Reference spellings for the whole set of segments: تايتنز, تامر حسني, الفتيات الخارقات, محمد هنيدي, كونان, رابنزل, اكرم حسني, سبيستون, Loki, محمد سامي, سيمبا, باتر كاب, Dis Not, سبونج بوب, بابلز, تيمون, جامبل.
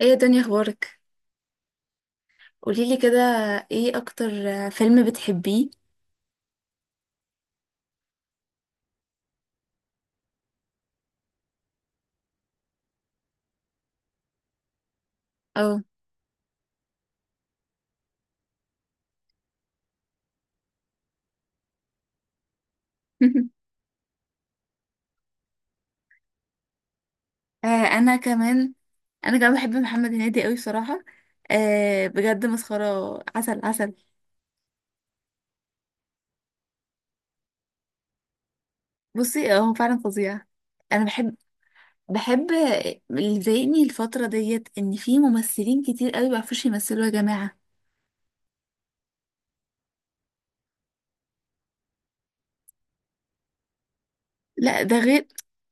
ايه يا دنيا، اخبارك؟ قوليلي كده، ايه اكتر فيلم بتحبيه؟ او آه، انا كمان. انا كمان بحب محمد هنيدي قوي بصراحه. آه، بجد مسخره، عسل عسل. بصي، آه، هو فعلا فظيع. انا بحب. اللي ضايقني الفتره ديت ان في ممثلين كتير قوي ما بيعرفوش يمثلوا يا جماعه. لا، ده غير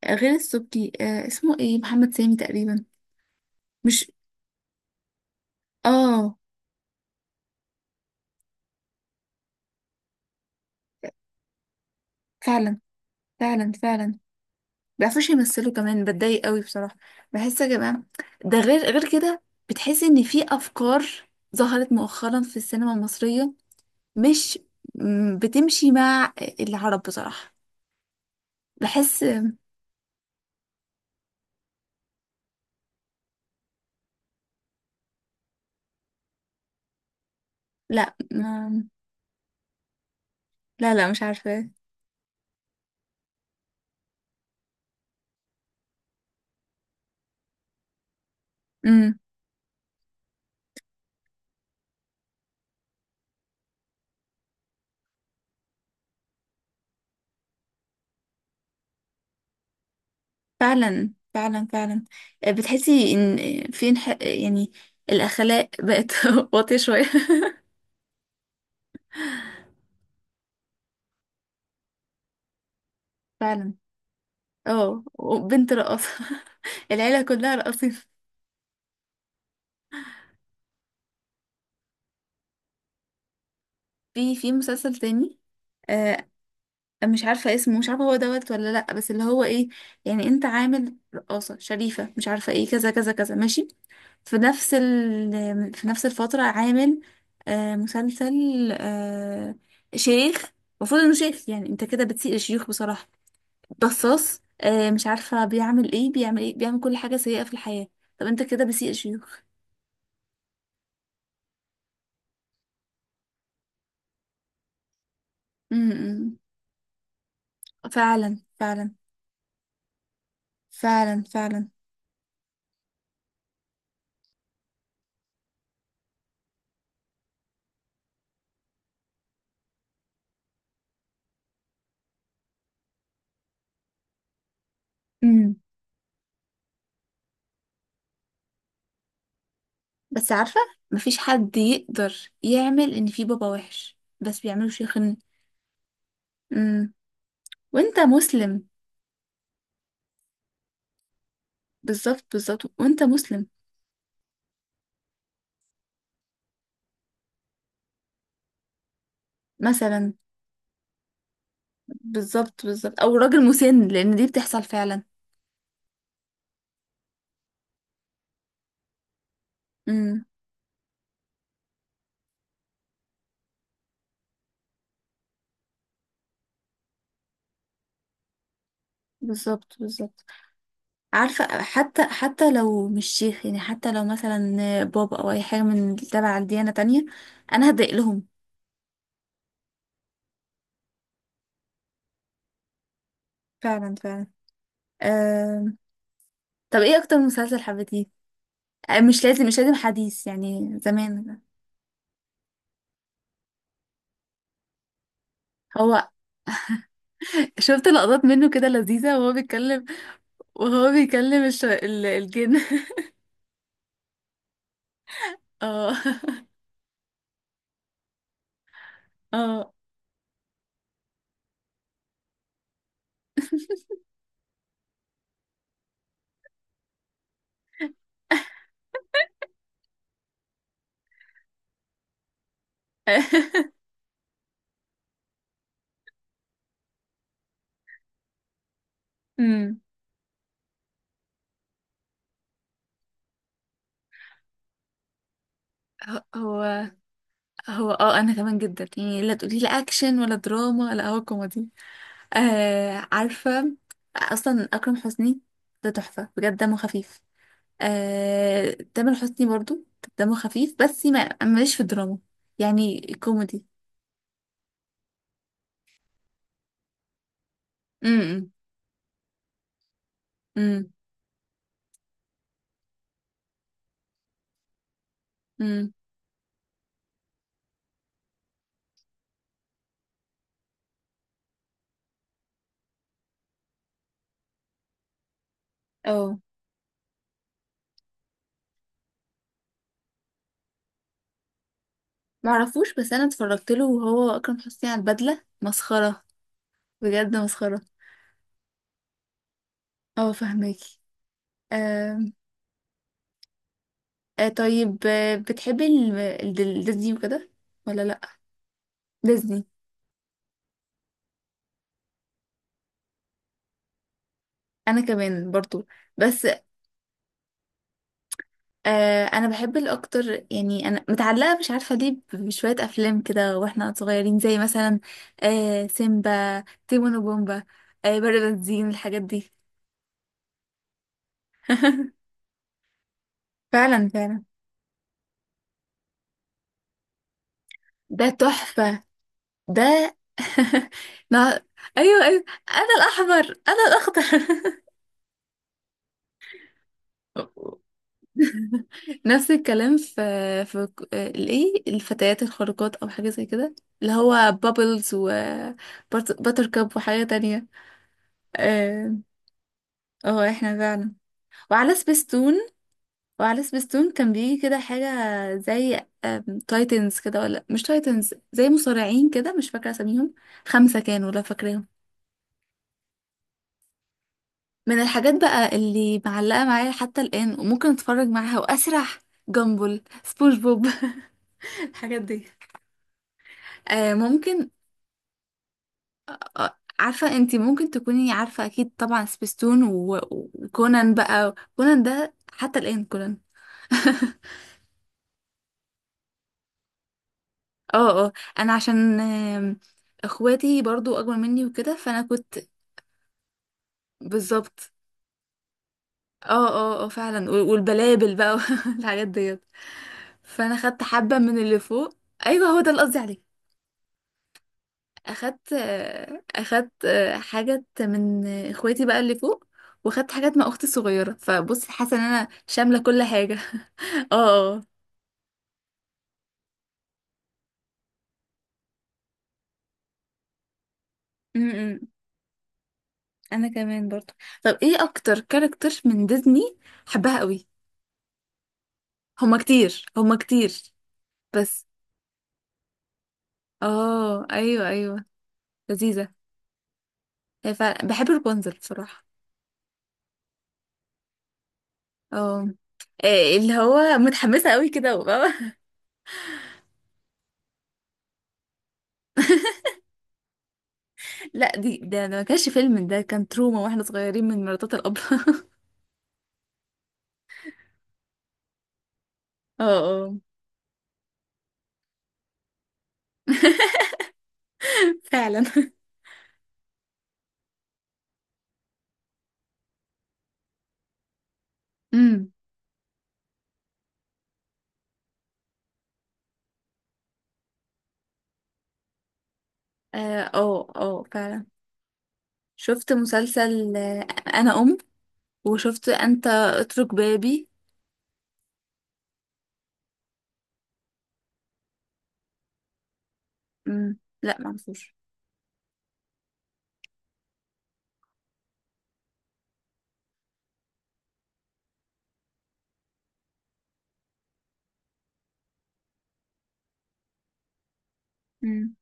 غير السبكي. آه، اسمه ايه؟ محمد سامي تقريبا. مش. اه. فعلا فعلا فعلا، بيعرفوش يمثلوا كمان، بتضايق قوي بصراحة. بحس يا جماعة، ده غير، غير كده. بتحس ان في افكار ظهرت مؤخرا في السينما المصرية. مش بتمشي مع العرب بصراحة. بحس. لا لا، لا، مش عارفة. امم. فعلا فعلا فعلا. بتحسي ان في يعني الاخلاق بقت واطية شوية. فعلا. اه، وبنت رقاصة. العيلة كلها راقصين. في مسلسل تاني. آه، مش عارفة اسمه، مش عارفة هو دوت ولا لأ، بس اللي هو ايه، يعني انت عامل رقاصة شريفة مش عارفة ايه، كذا كذا كذا ماشي. في نفس الفترة عامل مسلسل، آه شيخ. المفروض انه شيخ، يعني انت كده بتسيء الشيوخ بصراحة. بصاص، مش عارفة بيعمل ايه، بيعمل ايه، بيعمل كل حاجة سيئة في الحياة. طب انت كده بتسيء الشيوخ. امم. فعلا فعلا فعلا فعلا. مم. بس عارفة، مفيش حد يقدر يعمل ان في بابا وحش، بس بيعملوا شيخ ان. مم. وانت مسلم. بالظبط بالظبط، وانت مسلم. مثلا بالظبط بالظبط، او راجل مسن، لان دي بتحصل فعلا. امم. بالظبط بالظبط، عارفة، حتى لو مش شيخ، يعني حتى لو مثلا بابا او اي حاجة من تبع الديانة تانية، انا هضايق لهم. فعلا فعلا. أم... طب ايه اكتر مسلسل حبيتيه؟ أه، مش لازم مش لازم حديث، يعني زمان. هو شفت لقطات منه كده لذيذة، وهو بيتكلم، وهو بيكلم الجن اه اه. أمم. ه- هو هو انا كمان جدا، يعني لا تقولي لا اكشن ولا دراما، لا، هو كوميدي. آه، عارفة. اصلا اكرم حسني ده تحفة بجد، دمه خفيف. آه، تامر حسني برضو دمه خفيف، بس ما مش في الدراما، يعني كوميدي. امم. امم. امم. معرفوش، بس انا اتفرجت له، وهو اكرم حسني، على البدله مسخره. بجد مسخره. اه، فهماكي. آم، آه، طيب. بتحبي ديزني وكده ولا لا؟ ديزني. انا كمان برضو. بس انا بحب الاكتر، يعني انا متعلقه مش عارفه ليه بشويه افلام كده واحنا صغيرين، زي مثلا سيمبا، تيمون وبومبا، بره بنزين، الحاجات دي. فعلا فعلا. ده تحفه. ده نا... ايوه ايوه، انا الاحمر، انا الاخضر. نفس الكلام في الايه، الفتيات الخارقات، او حاجه زي كده، اللي هو بابلز و باتر كاب وحاجه تانية. اه. آه، احنا فعلا. وعلى سبيستون. وعلى سبيستون كان بيجي كده حاجه زي تايتنز كده، ولا مش تايتنز، زي مصارعين كده، مش فاكره اساميهم. خمسه كانوا، لا فاكراهم. من الحاجات بقى اللي معلقة معايا حتى الآن، وممكن اتفرج معاها واسرح، جامبل، سبونج بوب الحاجات دي. آه، ممكن. آه، عارفة، انتي ممكن تكوني عارفة اكيد طبعا سبيستون وكونان بقى، كونان ده حتى الآن كونان. اه اه. انا عشان اخواتي برضو اكبر مني وكده، فانا كنت. بالظبط. اه اه اه، فعلا، والبلابل بقى الحاجات ديت. فانا خدت حبة من اللي فوق. ايوه، هو ده اللي قصدي عليه. اخدت اخدت حاجات من اخواتي بقى اللي فوق، واخدت حاجات مع اختي الصغيره، فبص حاسه ان انا شامله كل حاجه. اه. آه. أمم. انا كمان برضو. طب ايه اكتر كاركتر من ديزني حبها قوي؟ هما كتير هما كتير. بس اه، ايوه ايوه، لذيذه. هي فعلا بحب رابنزل بصراحه. اه. إيه اللي هو متحمسه قوي كده، وبابا. لا، دي ده ما كانش فيلم، ده كان تروما واحنا صغيرين من مراتات الاب. اه اه. فعلا. امم. اه اه، آه، فعلا. شفت مسلسل انا وشفت انت اترك بابي. امم. لا، معرفوش. امم.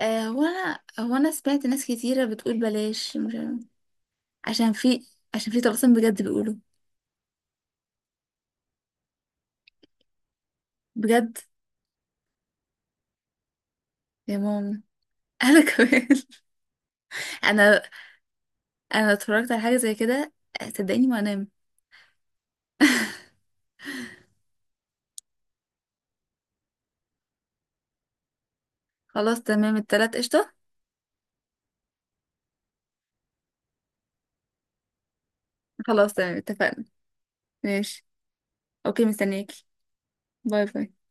آه، هو انا سمعت ناس كتيره بتقول بلاش، مش عشان في عشان في طلاسم بجد بيقولوا. بجد يا ماما. انا كمان. انا انا اتفرجت على حاجه زي كده، آه، صدقيني ما انام. خلاص تمام، التلات قشطه. خلاص تمام، اتفقنا. ماشي. اوكي، مستنياكي. باي باي.